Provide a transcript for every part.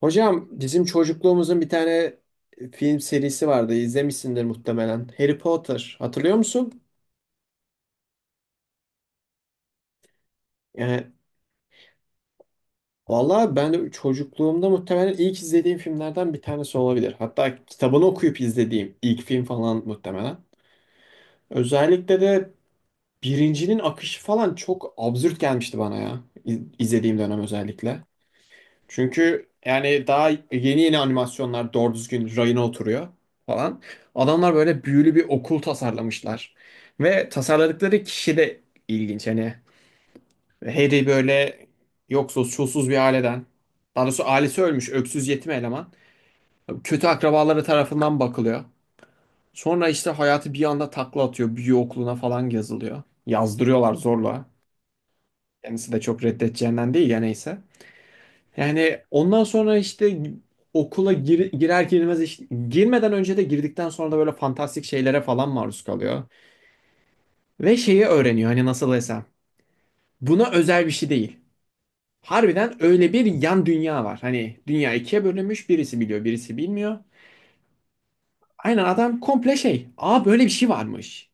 Hocam, bizim çocukluğumuzun bir tane film serisi vardı. İzlemişsindir muhtemelen. Harry Potter. Hatırlıyor musun? Yani vallahi ben de çocukluğumda muhtemelen ilk izlediğim filmlerden bir tanesi olabilir. Hatta kitabını okuyup izlediğim ilk film falan muhtemelen. Özellikle de birincinin akışı falan çok absürt gelmişti bana ya. İzlediğim dönem özellikle. Çünkü yani daha yeni yeni animasyonlar doğru düzgün rayına oturuyor falan. Adamlar böyle büyülü bir okul tasarlamışlar. Ve tasarladıkları kişi de ilginç. Hani Harry böyle yoksuz, çulsuz bir aileden. Daha doğrusu ailesi ölmüş, öksüz yetim eleman. Kötü akrabaları tarafından bakılıyor. Sonra işte hayatı bir anda takla atıyor. Büyü okuluna falan yazılıyor. Yazdırıyorlar zorla. Kendisi de çok reddedeceğinden değil ya, neyse. Yani ondan sonra işte okula girer girmez işte, girmeden önce de girdikten sonra da böyle fantastik şeylere falan maruz kalıyor. Ve şeyi öğreniyor, hani nasıl desem. Buna özel bir şey değil. Harbiden öyle bir yan dünya var. Hani dünya ikiye bölünmüş, birisi biliyor birisi bilmiyor. Aynen, adam komple şey. Aa, böyle bir şey varmış.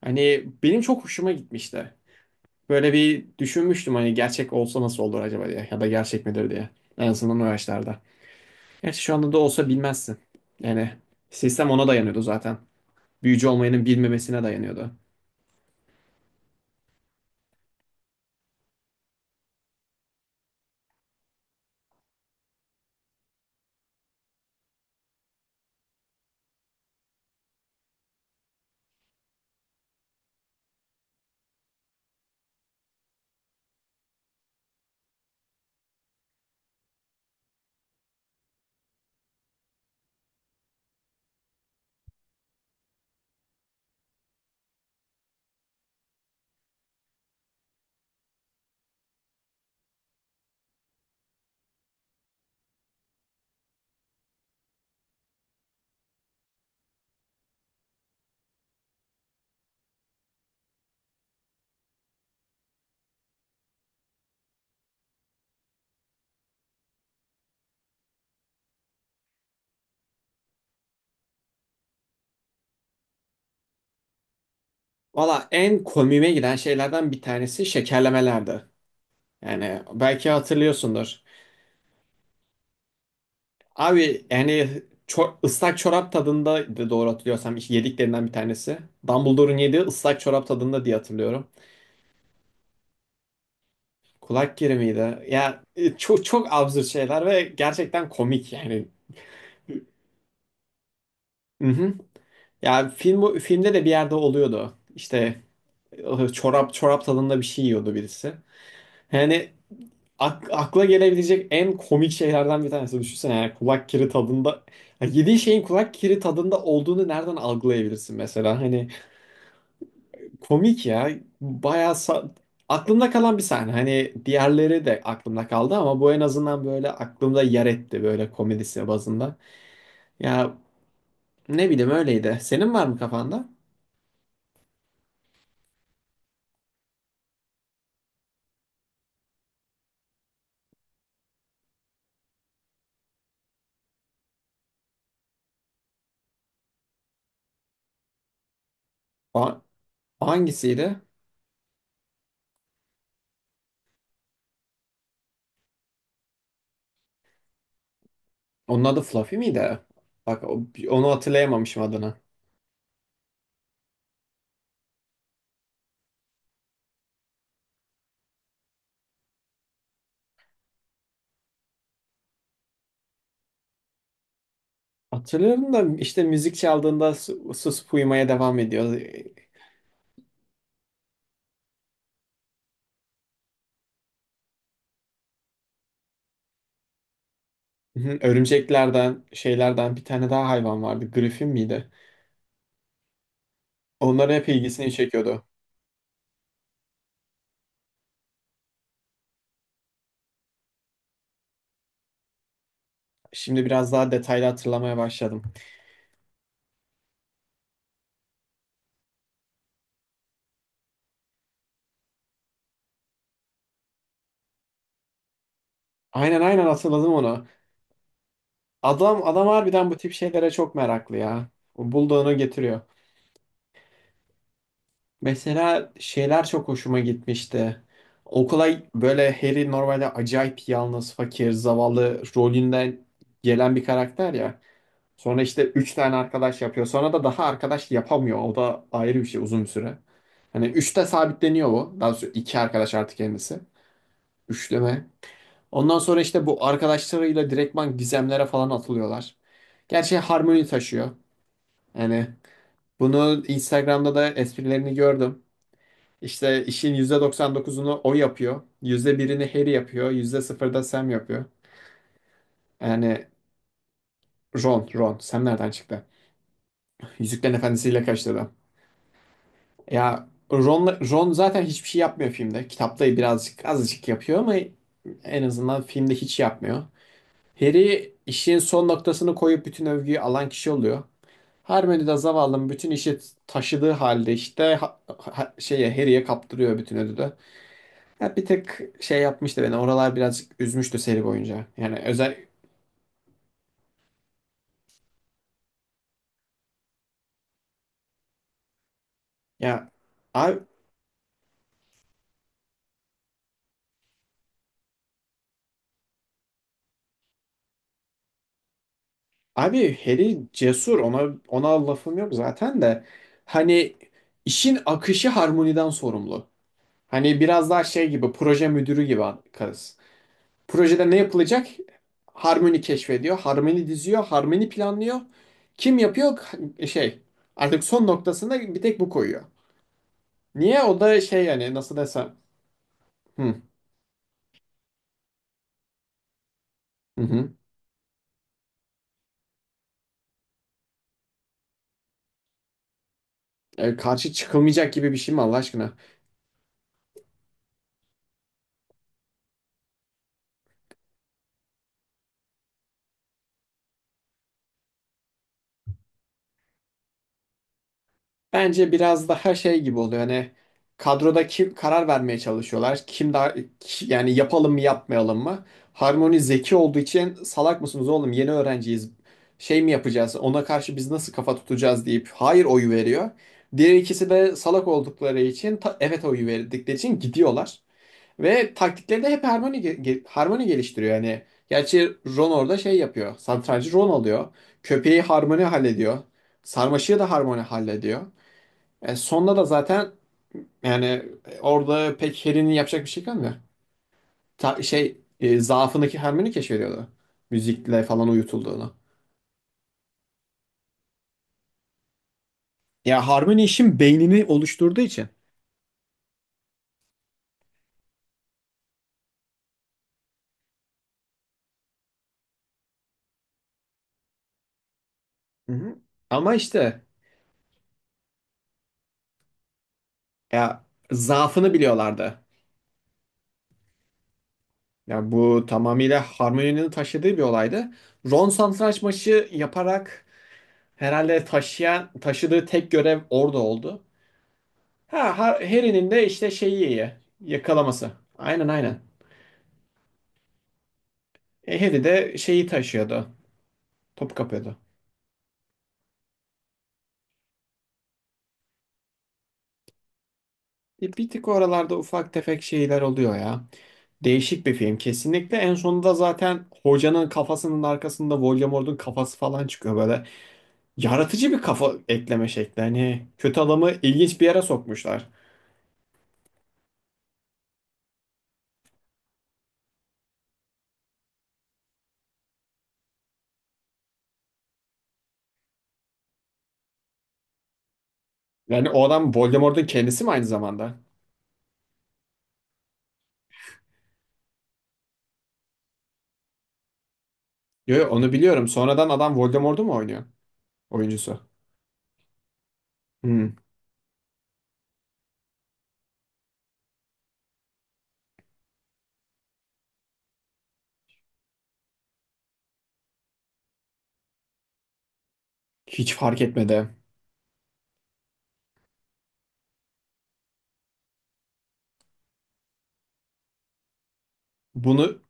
Hani benim çok hoşuma gitmişti. Böyle bir düşünmüştüm, hani gerçek olsa nasıl olur acaba diye. Ya da gerçek midir diye. En azından o yaşlarda. Gerçi şu anda da olsa bilmezsin. Yani sistem ona dayanıyordu zaten. Büyücü olmayanın bilmemesine dayanıyordu. Valla en komiğime giden şeylerden bir tanesi şekerlemelerdi. Yani belki hatırlıyorsundur. Abi yani ıslak çorap tadında, doğru hatırlıyorsam, yediklerinden bir tanesi. Dumbledore'un yediği ıslak çorap tadında diye hatırlıyorum. Kulak kiri miydi? Ya çok çok absürt şeyler ve gerçekten komik yani. Hı hı. Ya film, filmde de bir yerde oluyordu. İşte çorap tadında bir şey yiyordu birisi. Yani akla gelebilecek en komik şeylerden bir tanesi. Düşünsene, yani kulak kiri tadında. Yani yediği şeyin kulak kiri tadında olduğunu nereden algılayabilirsin mesela? Hani komik ya. Bayağı aklımda kalan bir sahne. Hani diğerleri de aklımda kaldı ama bu en azından böyle aklımda yer etti, böyle komedisi bazında. Ya ne bileyim, öyleydi. Senin var mı kafanda? O- Hangisiydi? Onun adı Fluffy miydi? Bak, onu hatırlayamamışım adını. Hatırlıyorum da işte, müzik çaldığında susup uyumaya devam ediyor. Hı, Örümceklerden, şeylerden bir tane daha hayvan vardı. Griffin miydi? Onların hep ilgisini çekiyordu. Şimdi biraz daha detaylı hatırlamaya başladım. Aynen, aynen hatırladım onu. Adam harbiden bu tip şeylere çok meraklı ya. O bulduğunu getiriyor. Mesela şeyler çok hoşuma gitmişti. Okula böyle Harry, normalde acayip yalnız, fakir, zavallı rolünden gelen bir karakter ya. Sonra işte 3 tane arkadaş yapıyor. Sonra da daha arkadaş yapamıyor. O da ayrı bir şey, uzun bir süre. Hani üçte sabitleniyor bu. Daha sonra 2 arkadaş artık kendisi. Üçleme. Ondan sonra işte bu arkadaşlarıyla direktman gizemlere falan atılıyorlar. Gerçi Harmony taşıyor. Yani bunu Instagram'da da, esprilerini gördüm. İşte işin %99'unu o yapıyor. %1'ini Harry yapıyor. %0'da Sam yapıyor. Yani Ron, Ron. Sam nereden çıktı? Yüzüklerin Efendisi'yle kaçtı da. Ya Ron, Ron zaten hiçbir şey yapmıyor filmde. Kitapta birazcık azıcık yapıyor ama en azından filmde hiç yapmıyor. Harry işin son noktasını koyup bütün övgüyü alan kişi oluyor. Hermione de zavallının bütün işi taşıdığı halde işte şeye, Harry'e kaptırıyor bütün ödülü. Ya bir tek şey yapmıştı beni. Oralar birazcık üzmüştü seri boyunca. Yani özel, ya abi, Harry cesur, ona lafım yok zaten de, hani işin akışı harmoniden sorumlu. Hani biraz daha şey gibi, proje müdürü gibi kız. Projede ne yapılacak? Harmony keşfediyor, Harmony diziyor, Harmony planlıyor. Kim yapıyor? Şey, artık son noktasında bir tek bu koyuyor. Niye? O da şey, yani nasıl desem. Hı, hı, hı. E, karşı çıkılmayacak gibi bir şey mi Allah aşkına? Bence biraz daha şey gibi oluyor, hani kadroda kim karar vermeye çalışıyorlar. Kim daha yani, yapalım mı yapmayalım mı? Harmony zeki olduğu için, salak mısınız oğlum, yeni öğrenciyiz. Şey mi yapacağız, ona karşı biz nasıl kafa tutacağız deyip hayır oyu veriyor. Diğer ikisi de salak oldukları için, evet oyu verdikleri için gidiyorlar. Ve taktikleri de hep Harmony, Harmony geliştiriyor yani. Gerçi Ron orada şey yapıyor. Satrancı Ron alıyor. Köpeği Harmony hallediyor. Sarmaşığı da Harmony hallediyor. E, sonda da zaten, yani orada pek Harry'nin yapacak bir şey kalmıyor. Şey zaafındaki Hermione keşfediyordu. Müzikle falan uyutulduğunu. Ya Hermione işin beynini oluşturduğu için. Hı hı. Ama işte ya, zaafını biliyorlardı. Ya bu tamamıyla Hermione'nin taşıdığı bir olaydı. Ron satranç maçı yaparak herhalde, taşıdığı tek görev orada oldu. Ha, Harry'nin de işte şeyi iyi. Yakalaması. Aynen, aynen. E, Harry de şeyi taşıyordu. Top kapıyordu. E, bir tık oralarda ufak tefek şeyler oluyor ya. Değişik bir film kesinlikle. En sonunda zaten hocanın kafasının arkasında Voldemort'un kafası falan çıkıyor böyle. Yaratıcı bir kafa ekleme şekli. Hani kötü adamı ilginç bir yere sokmuşlar. Yani o adam Voldemort'un kendisi mi aynı zamanda? Yo, yo, onu biliyorum. Sonradan adam Voldemort'u mu oynuyor? Oyuncusu. Hmm, hiç fark etmedi. Bunu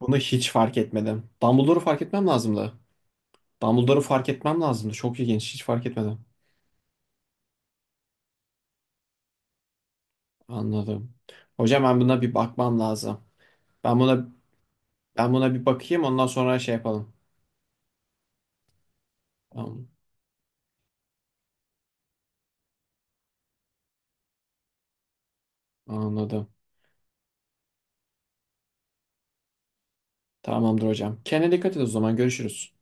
Bunu hiç fark etmedim. Dumbledore'u fark etmem lazımdı. Dumbledore'u fark etmem lazımdı. Çok ilginç. Hiç fark etmedim. Anladım. Hocam, ben buna bir bakmam lazım. Ben buna ben buna bir bakayım, ondan sonra şey yapalım. Tamam. Anladım. Tamamdır hocam. Kendine dikkat et o zaman. Görüşürüz.